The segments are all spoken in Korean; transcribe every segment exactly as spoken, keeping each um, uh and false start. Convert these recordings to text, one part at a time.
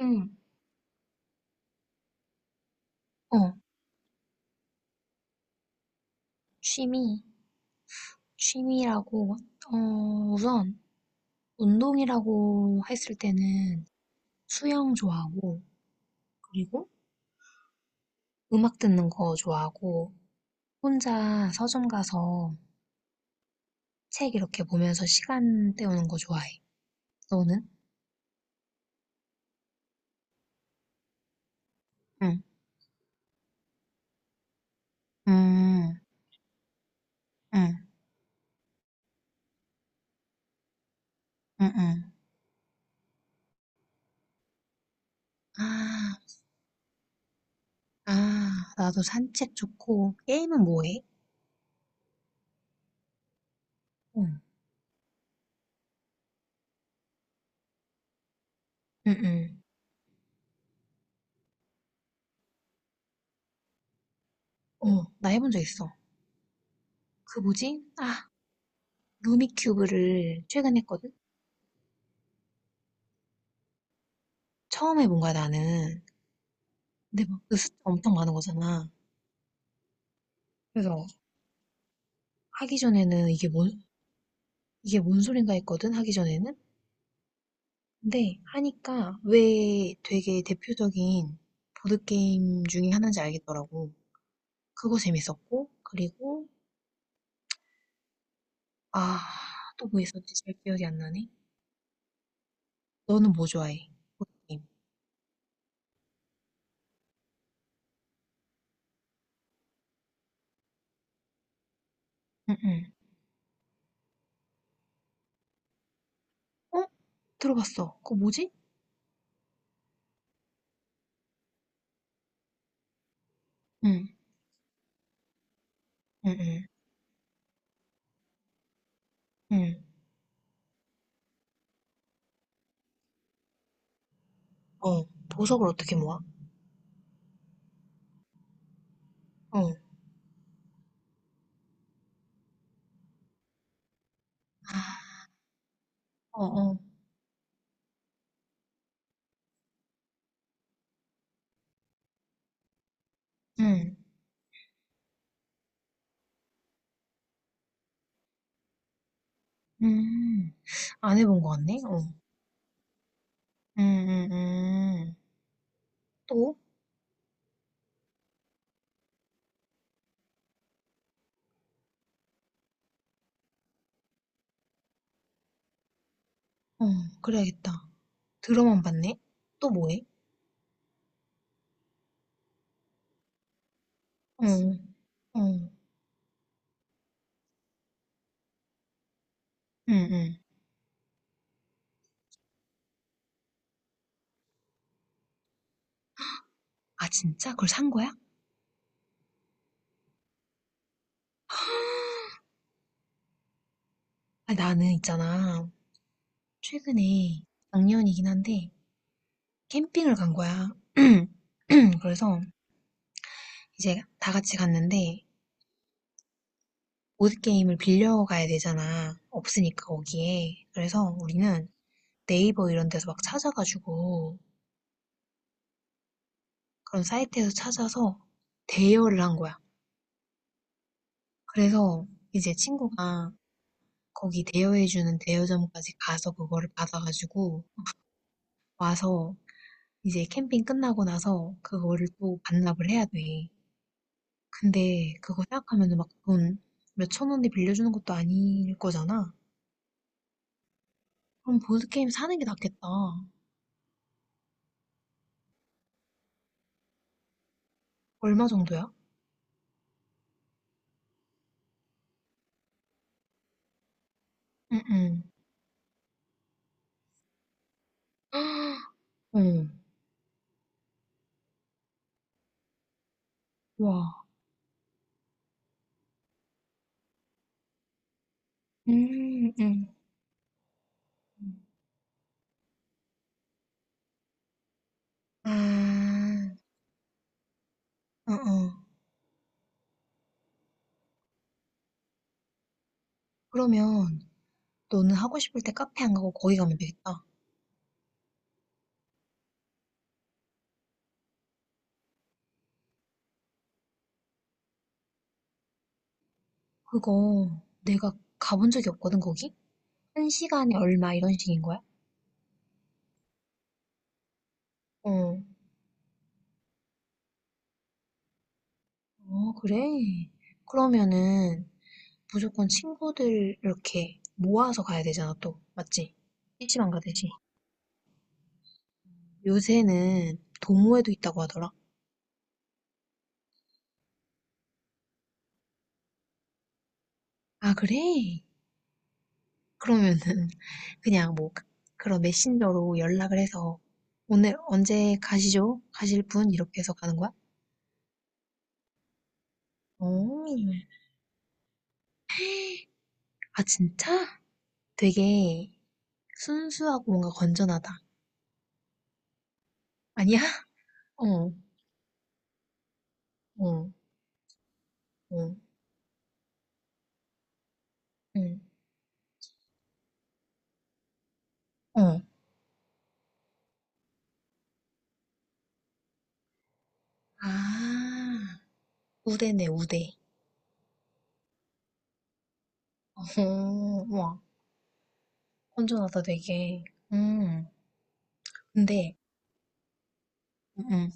응, 어, 취미, 취미라고, 어, 우선, 운동이라고 했을 때는 수영 좋아하고, 그리고 음악 듣는 거 좋아하고, 혼자 서점 가서 책 이렇게 보면서 시간 때우는 거 좋아해. 너는? 응, 음, 응, 응, 응. 아, 아, 나도 산책 좋고, 게임은 뭐 해? 응, 응, 응. 어, 나 해본 적 있어. 그 뭐지? 아, 루미큐브를 최근에 했거든? 처음 해본 거야 나는. 근데 막 그 숫자 엄청 많은 거잖아. 그래서 하기 전에는 이게 뭔 이게 뭔 소린가 했거든 하기 전에는. 근데 하니까 왜 되게 대표적인 보드 게임 중에 하나인지 알겠더라고. 그거 재밌었고 그리고 아 또 뭐 있었지 잘 기억이 안 나네. 너는 뭐 좋아해? 보드 게임. 응응. 어? 들어봤어. 그거 뭐지? 응. 응응. 응. 응. 어. 보석을 어떻게 모아? 어. 아. 어어. 응. 음. 안 해본 것 같네. 어. 음, 음, 음. 또? 어, 그래야겠다. 들어만 봤네. 또 뭐해? 어, 어, 응, 응. 아, 진짜? 그걸 산 거야? 아, 나는 있잖아. 최근에 작년이긴 한데 캠핑을 간 거야. 그래서 이제 다 같이 갔는데 보드게임을 빌려가야 되잖아. 없으니까 거기에. 그래서 우리는 네이버 이런 데서 막 찾아가지고 그런 사이트에서 찾아서 대여를 한 거야. 그래서 이제 친구가 거기 대여해주는 대여점까지 가서 그거를 받아가지고 와서 이제 캠핑 끝나고 나서 그거를 또 반납을 해야 돼. 근데 그거 생각하면 막 돈 몇천 원에 빌려주는 것도 아닐 거잖아. 그럼 보드게임 사는 게 낫겠다. 얼마 정도야? 응응. 어 와. 음, 음. 아, 어, 어. 그러면 너는 하고 싶을 때 카페 안 가고 거기 가면 되겠다. 그거 내가 가본 적이 없거든, 거기? 한 시간에 얼마 이런 식인 거야? 어. 어, 그래? 그러면은 무조건 친구들 이렇게 모아서 가야 되잖아, 또. 맞지? 피시방 가듯이. 요새는 도모에도 있다고 하더라. 아, 그래? 그러면은 그냥 뭐 그런 메신저로 연락을 해서 오늘 언제 가시죠? 가실 분? 이렇게 해서 가는 거야? 어. 아, 진짜? 되게 순수하고 뭔가 건전하다. 아니야? 어, 어, 어, 응, 어. 아, 우대네, 우대. 어, 와, 건전하다, 되게. 음, 근데, 음,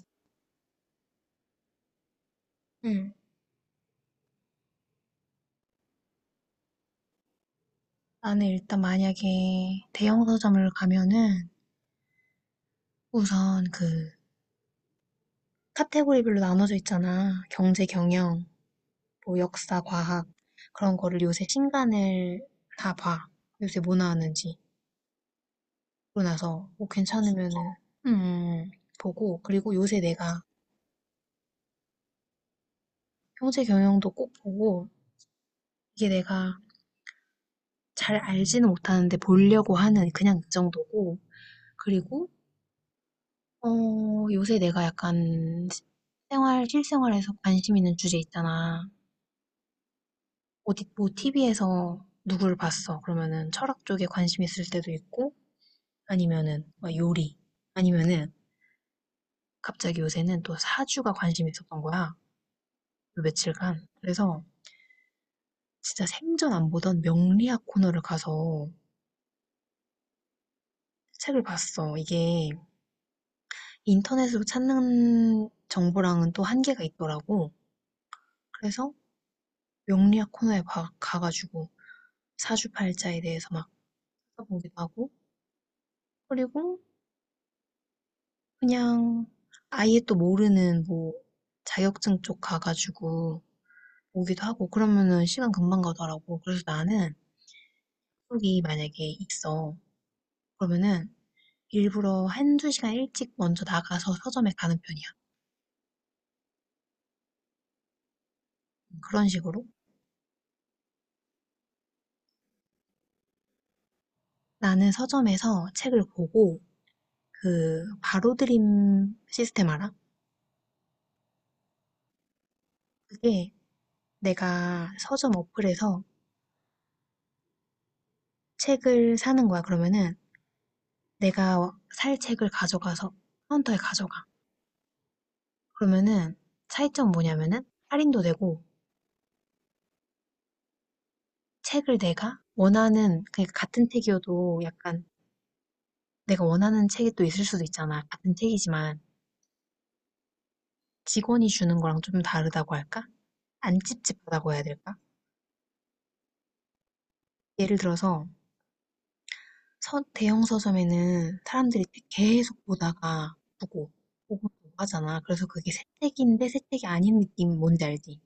음. 나는 일단 만약에 대형 서점을 가면은 우선 그 카테고리별로 나눠져 있잖아. 경제, 경영, 뭐 역사, 과학 그런 거를 요새 신간을 다 봐. 요새 뭐 나왔는지. 그러고 나서 뭐 괜찮으면은 음, 보고 그리고 요새 내가 형제 경영도 꼭 보고 이게 내가 잘 알지는 못하는데 보려고 하는 그냥 그 정도고 그리고 어, 요새 내가 약간 생활 실생활에서 관심 있는 주제 있잖아. 어디 뭐 티비에서 누구를 봤어. 그러면은 철학 쪽에 관심 있을 때도 있고 아니면은 막 요리 아니면은 갑자기 요새는 또 사주가 관심 있었던 거야. 요 며칠간. 그래서 진짜 생전 안 보던 명리학 코너를 가서 책을 봤어. 이게 인터넷으로 찾는 정보랑은 또 한계가 있더라고. 그래서 명리학 코너에 가- 가가지고 사주팔자에 대해서 막 찾아보기도 하고, 그리고 그냥 아예 또 모르는 뭐 자격증 쪽 가가지고 오기도 하고, 그러면은 시간 금방 가더라고. 그래서 나는 약속이 만약에 있어. 그러면은 일부러 한두 시간 일찍 먼저 나가서 서점에 가는 편이야. 그런 식으로. 나는 서점에서 책을 보고 그 바로 드림 시스템 알아? 그게 내가 서점 어플에서 책을 사는 거야. 그러면은 내가 살 책을 가져가서 카운터에 가져가. 그러면은 차이점 뭐냐면은 할인도 되고 책을 내가 원하는 그러니까 같은 책이어도 약간 내가 원하는 책이 또 있을 수도 있잖아. 같은 책이지만 직원이 주는 거랑 좀 다르다고 할까? 안 찝찝하다고 해야 될까? 예를 들어서 서 대형 서점에는 사람들이 계속 보다가 보고 보고 보고 하잖아. 그래서 그게 새책인데 새책이 아닌 느낌 뭔지 알지?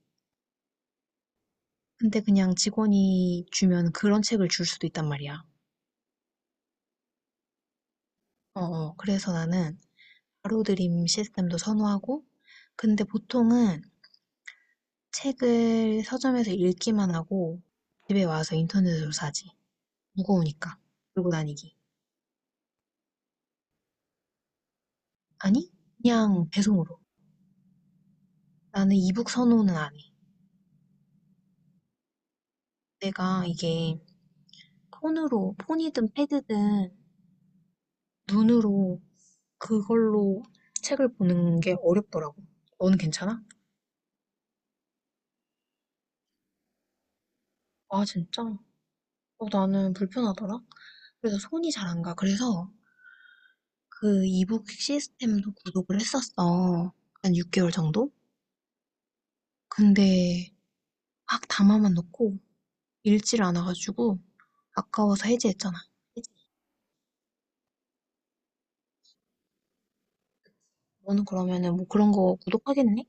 근데 그냥 직원이 주면 그런 책을 줄 수도 있단 말이야. 어어. 그래서 나는 바로드림 시스템도 선호하고, 근데 보통은 책을 서점에서 읽기만 하고 집에 와서 인터넷으로 사지. 무거우니까. 들고 다니기. 아니? 그냥 배송으로. 나는 이북 선호는 안 해. 내가 이게 폰으로, 폰이든 패드든 눈으로 그걸로 책을 보는 게 어렵더라고. 너는 괜찮아? 아, 진짜? 어, 나는 불편하더라. 그래서 손이 잘 안 가. 그래서 그 이북 시스템도 구독을 했었어. 한 육 개월 정도? 근데 막 담아만 놓고 읽지를 않아가지고 아까워서 해지했잖아. 너는 그러면은 뭐 그런 거 구독하겠니?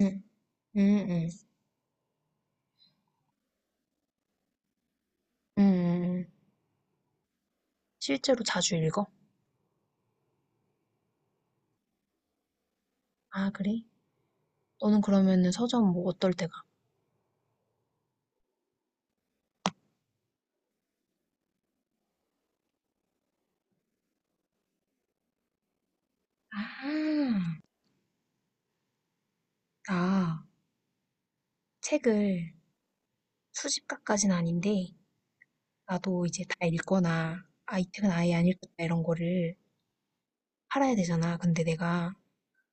응, 응, 응, 응. 응, 응. 실제로 자주 읽어? 아, 그래? 너는 그러면은 서점 뭐 어떨 때가? 아, 나 책을 수집가까진 아닌데, 나도 이제 다 읽거나, 아, 이 책은 아예 안 읽겠다 이런 거를 팔아야 되잖아. 근데 내가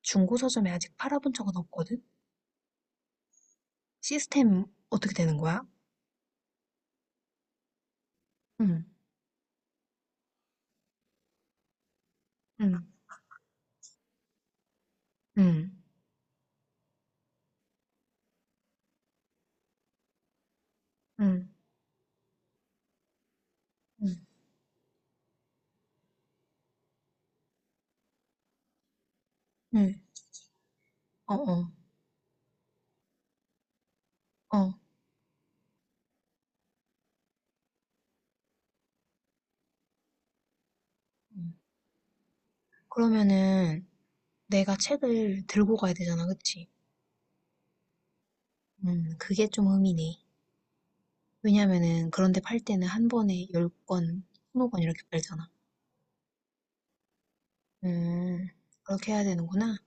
중고 서점에 아직 팔아본 적은 없거든? 시스템 어떻게 되는 거야? 응, 응, 응, 응, 응, 응, 어, 어, 어. 음. 그러면은 내가 책을 들고 가야 되잖아, 그치? 음, 그게 좀 의미네. 왜냐면은 그런 데 팔 때는 한 번에 십 권, 이십 권 이렇게 팔잖아. 음. 그렇게 해야 되는구나.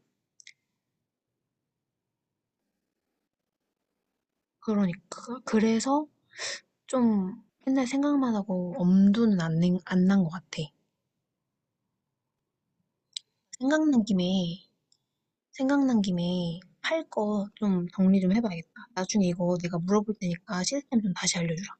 그러니까 그래서 좀 맨날 생각만 하고 엄두는 안 안 난 것 같아. 생각난 김에 생각난 김에 팔 거 좀 정리 좀 해 봐야겠다. 나중에 이거 내가 물어볼 테니까 시스템 좀 다시 알려주라.